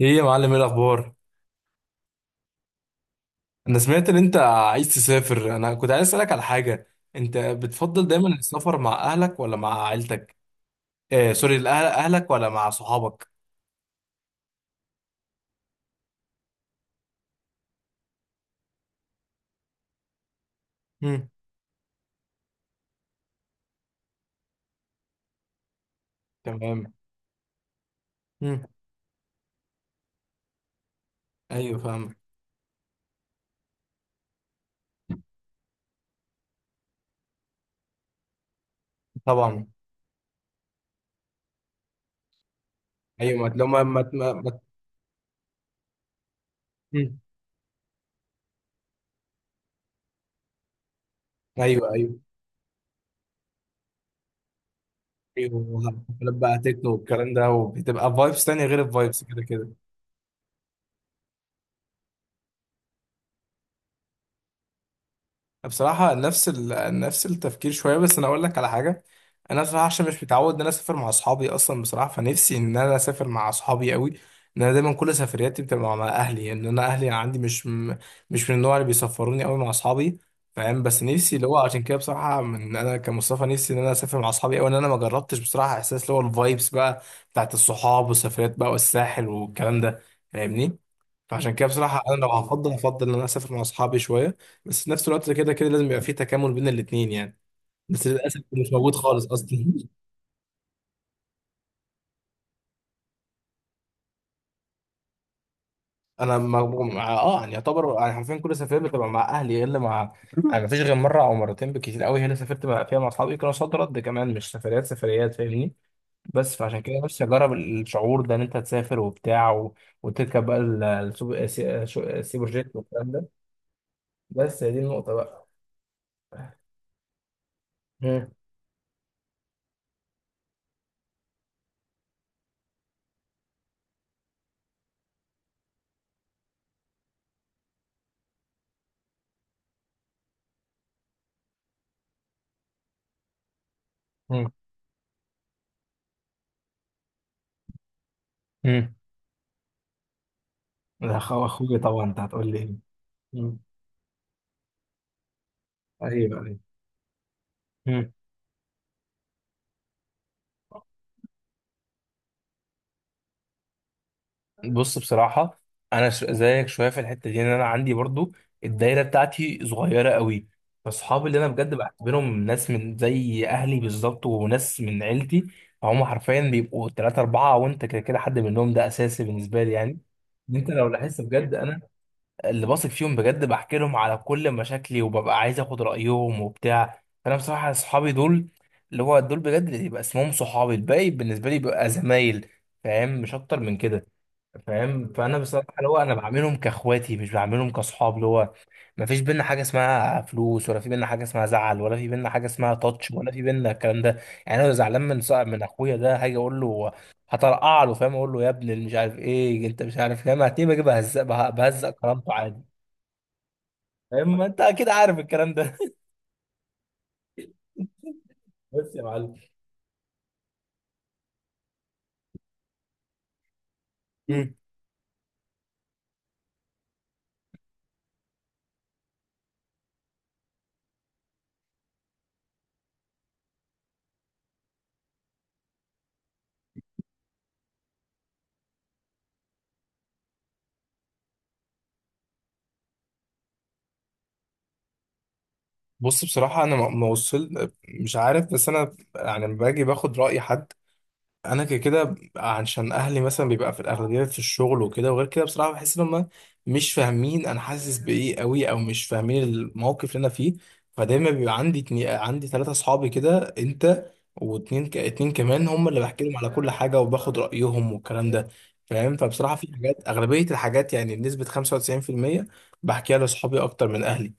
ايه يا معلم، ايه الاخبار؟ انا سمعت ان انت عايز تسافر. انا كنت عايز اسالك على حاجه. انت بتفضل دايما السفر مع اهلك ولا مع عيلتك؟ سوري، اهلك ولا مع صحابك؟ امم. تمام. امم. ايوه فاهم. طبعا. ايوه، ما لو ما ما ما ما- مم. ايوه، ايوه، ايوه. حفلات بقى تكنو والكلام ده، وبتبقى فايبس تانية غير الفايبس كده. بصراحة نفس نفس التفكير شوية، بس أنا أقول لك على حاجة. أنا بصراحة عشان مش متعود إن أنا أسافر مع أصحابي أصلا، بصراحة فنفسي إن أنا أسافر مع أصحابي قوي. إن أنا دايما كل سفرياتي بتبقى مع أهلي، يعني إن أنا أهلي عندي مش من النوع اللي بيسفروني قوي مع أصحابي. فاهم، بس نفسي اللي هو عشان كده. بصراحة من أنا كمصطفى نفسي إن أنا أسافر مع أصحابي قوي، إن أنا ما جربتش بصراحة إحساس اللي هو الفايبس بقى بتاعت الصحاب والسفريات بقى والساحل والكلام ده. فاهمني؟ فعشان كده بصراحة أنا لو هفضل هفضل إن أنا أسافر مع أصحابي شوية. بس في نفس الوقت كده كده لازم يبقى في تكامل بين الاتنين يعني. بس للأسف مش موجود خالص أصلا. أنا ما مع... آه يعني يعتبر يعني حرفيا كل سفرية بتبقى مع أهلي إلا مع. يعني مفيش غير مرة أو مرتين بالكتير قوي هي اللي سافرت بقى فيها مع أصحابي، كانوا صد رد كمان، مش سفريات سفريات، فاهمني؟ بس فعشان كده نفسي أجرب الشعور ده إن أنت تسافر وبتاع وتركب بقى سوبر جيت والكلام ده. بس هي دي النقطة بقى. مم. مم. مم. اخويا طبعا، انت هتقول لي ايه. مم. ايوه، ايوه. مم. بص بصراحة. زيك شوية في الحتة دي، إن أنا عندي برضو الدايرة بتاعتي صغيرة قوي. فأصحابي اللي أنا بجد بعتبرهم ناس من زي أهلي بالظبط، وناس من عيلتي، فهم حرفيا بيبقوا تلاتة أربعة، وأنت كده كده حد منهم، ده أساسي بالنسبة لي يعني. إن أنت لو لاحظت بجد، أنا اللي بثق فيهم بجد بحكي لهم على كل مشاكلي، وببقى عايز اخد رايهم وبتاع. فانا بصراحه اصحابي دول اللي هو دول بجد اللي يبقى اسمهم صحابي. الباقي بالنسبه لي بيبقى زمايل، فاهم، مش اكتر من كده. فاهم، فانا بصراحه اللي هو انا بعملهم كاخواتي مش بعملهم كاصحاب اللي هو. ما فيش بينا حاجه اسمها فلوس، ولا في بينا حاجه اسمها زعل، ولا في بينا حاجه اسمها تاتش، ولا في بينا الكلام ده. يعني انا لو زعلان من صاحب من اخويا ده هاجي اقول له، هطرقع له، فاهم، اقول له يا ابني اللي مش عارف ايه انت مش عارف، فاهم هتلاقيه بجيب بهزق بهزق كرامته عادي. ما انت اكيد عارف الكلام ده. بس يا معلم. مم. بص بصراحة، أنا ما وصل مش عارف. بس أنا يعني لما باجي باخد رأي حد، انا كده كده عشان اهلي مثلا بيبقى في الاغلبيه في الشغل وكده، وغير كده بصراحه بحس ان هم مش فاهمين انا حاسس بايه قوي، او مش فاهمين الموقف اللي انا فيه. فدايما بيبقى عندي عندي ثلاثه اصحابي كده، انت اتنين كمان هم اللي بحكي لهم على كل حاجه، وباخد رايهم والكلام ده. فاهم، فبصراحه في حاجات، اغلبيه الحاجات يعني بنسبه 95%، بحكيها لاصحابي اكتر من اهلي.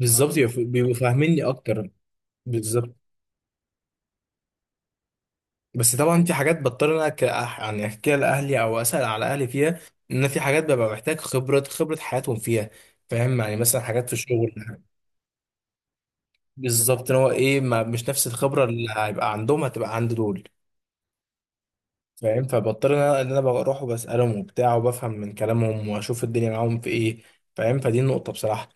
بالظبط بيبقوا فاهميني اكتر. بالظبط. بس طبعا في حاجات بضطر إن انا يعني احكيها لاهلي او اسال على اهلي فيها، ان في حاجات ببقى محتاج خبره حياتهم فيها. فاهم، يعني مثلا حاجات في الشغل. بالظبط، ان هو ايه ما مش نفس الخبره اللي هيبقى عندهم هتبقى عند دول. فاهم، فبضطر ان انا إن أنا بروح وبسالهم وبتاع، وبفهم من كلامهم، واشوف الدنيا معاهم في ايه. فاهم، فدي النقطه بصراحه.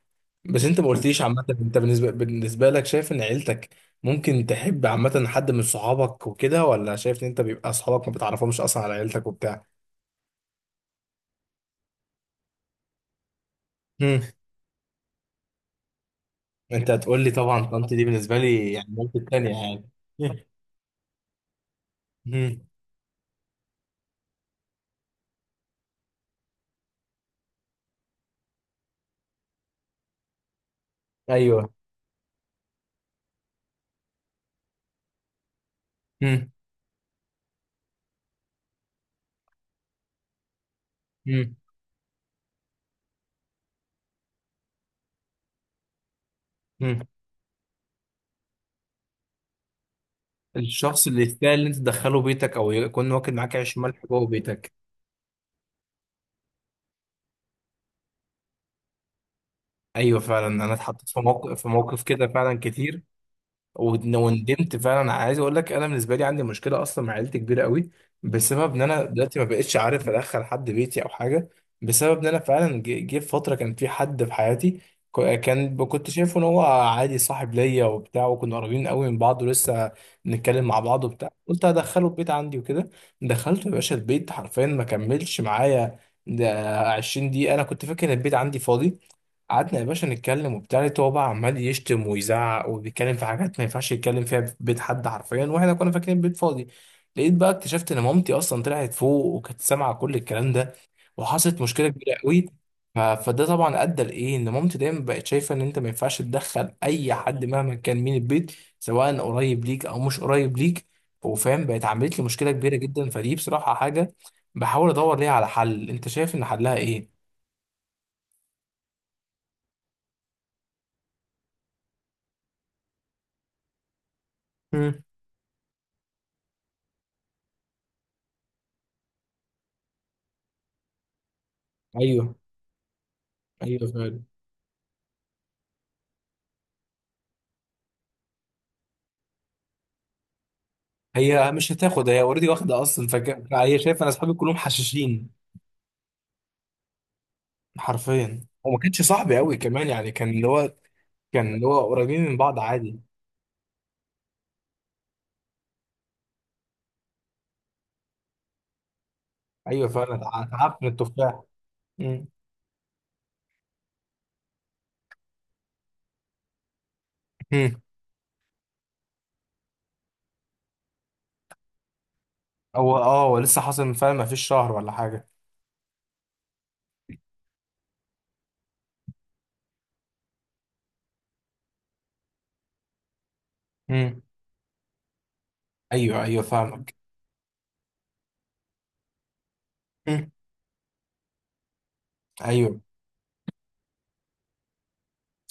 بس انت ما قلتليش عامه، انت بالنسبه لك شايف ان عيلتك ممكن تحب عامه حد من صحابك وكده، ولا شايف ان انت بيبقى صحابك ما بتعرفهمش اصلا على عيلتك وبتاع. مم. انت هتقول لي طبعا طنط دي بالنسبه لي يعني مامتي التانية يعني. مم. مم. ايوه. مم. مم. مم. الشخص اللي يستاهل ان انت تدخله بيتك، او يكون واكل معاك عيش ملح جوه بيتك. ايوه فعلا، انا اتحطيت في موقف كده فعلا كتير وندمت فعلا. انا عايز اقول لك، انا بالنسبه لي عندي مشكله اصلا مع عيلتي كبيره قوي، بسبب ان انا دلوقتي ما بقتش عارف ادخل حد بيتي او حاجه. بسبب ان انا فعلا جه في فتره كان في حد في حياتي، كنت شايفه ان هو عادي صاحب ليا وبتاع، وكنا قريبين قوي من بعض، ولسه نتكلم مع بعض وبتاع. قلت هدخله البيت عندي وكده. دخلته يا باشا البيت حرفيا، ما كملش معايا ده 20 دقيقه. انا كنت فاكر ان البيت عندي فاضي. قعدنا يا باشا نتكلم وبتاع، لقيته هو بقى عمال يشتم ويزعق وبيتكلم في حاجات ما ينفعش يتكلم فيها في بيت حد حرفيا، واحنا كنا فاكرين بيت فاضي. لقيت بقى اكتشفت ان مامتي اصلا طلعت فوق وكانت سامعه كل الكلام ده، وحصلت مشكله كبيره قوي. فده طبعا ادى لايه ان مامتي دايما بقت شايفه ان انت ما ينفعش تدخل اي حد مهما كان مين البيت، سواء قريب ليك او مش قريب ليك. وفاهم بقت عملت لي مشكله كبيره جدا. فدي بصراحه حاجه بحاول ادور ليها على حل، انت شايف ان حلها ايه؟ مم. ايوه، ايوه فعلا. هي مش هتاخد، هي اوريدي واخده اصلا. هي شايفه انا اصحابي كلهم حشاشين حرفيا. وما كانش صاحبي قوي كمان، يعني كان اللي هو كان اللي هو قريبين من بعض عادي. ايوه فعلا، اتعبت من التفاح. امم. أمم. هو اه هو لسه حاصل من فعلا، ما فيش شهر ولا حاجه. امم. ايوه، ايوه فاهمك. امم. ايوه،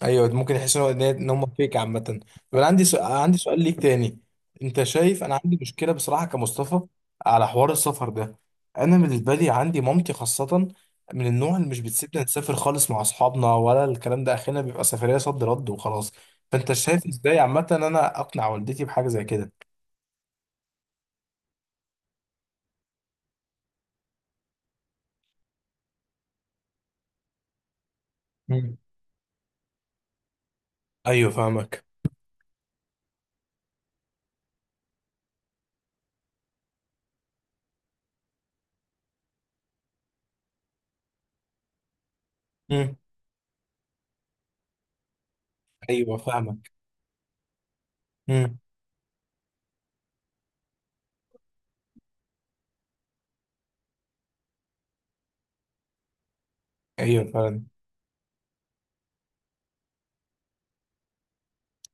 ايوه ممكن يحس ان هو ان هم فيك عامه. طب انا عندي سؤال ليك تاني. انت شايف انا عندي مشكله بصراحه كمصطفى على حوار السفر ده. انا بالنسبه لي عندي مامتي خاصه من النوع اللي مش بتسيبنا نسافر خالص مع اصحابنا ولا الكلام ده، اخينا بيبقى سفريه صد رد وخلاص. فانت شايف ازاي عامه ان انا اقنع والدتي بحاجه زي كده؟ مم. ايوه فاهمك. امم. ايوه فاهمك. امم. ايوه فعلا.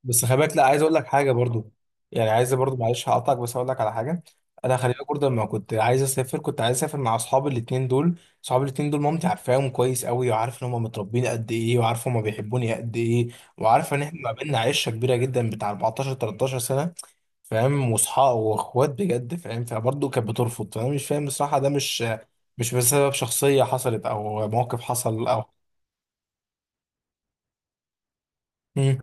بس خلي بالك، لا عايز اقول لك حاجه برضو. يعني عايز برضو، معلش هقطعك بس اقول لك على حاجه. انا خلي بالك برضو لما كنت عايز اسافر كنت عايز اسافر مع اصحابي الاثنين دول، اصحابي الاثنين دول مامتي عارفاهم كويس قوي، وعارف ان هم متربيين قد ايه، وعارف هم بيحبوني قد ايه. وعارفه ان احنا ما بيننا عشره كبيره جدا بتاع 14 13 سنه، فاهم، واصحاب واخوات بجد، فاهم. فبرضه كانت بترفض، فانا مش فاهم بصراحه. ده مش مش بسبب شخصيه حصلت او موقف حصل او. مم.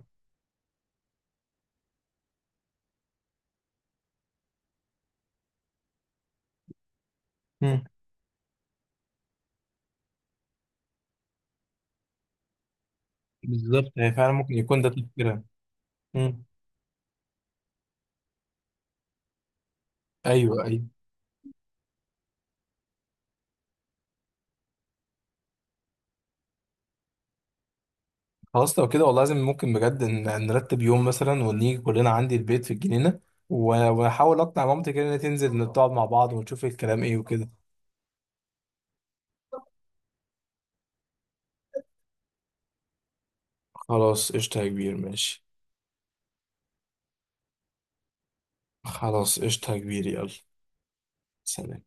مم. بالظبط، هي فعلا ممكن يكون ده تفكيرها. مم. ايوه، ايوه. خلاص لو كده والله لازم، ممكن بجد نرتب يوم مثلا ونيجي كلنا عندي البيت في الجنينة، واحاول اقنع مامتي كده ان هي تنزل نقعد مع بعض ونشوف الكلام ايه وكده. خلاص قشطة يا كبير، ماشي. خلاص قشطة يا كبير، يلا. سلام.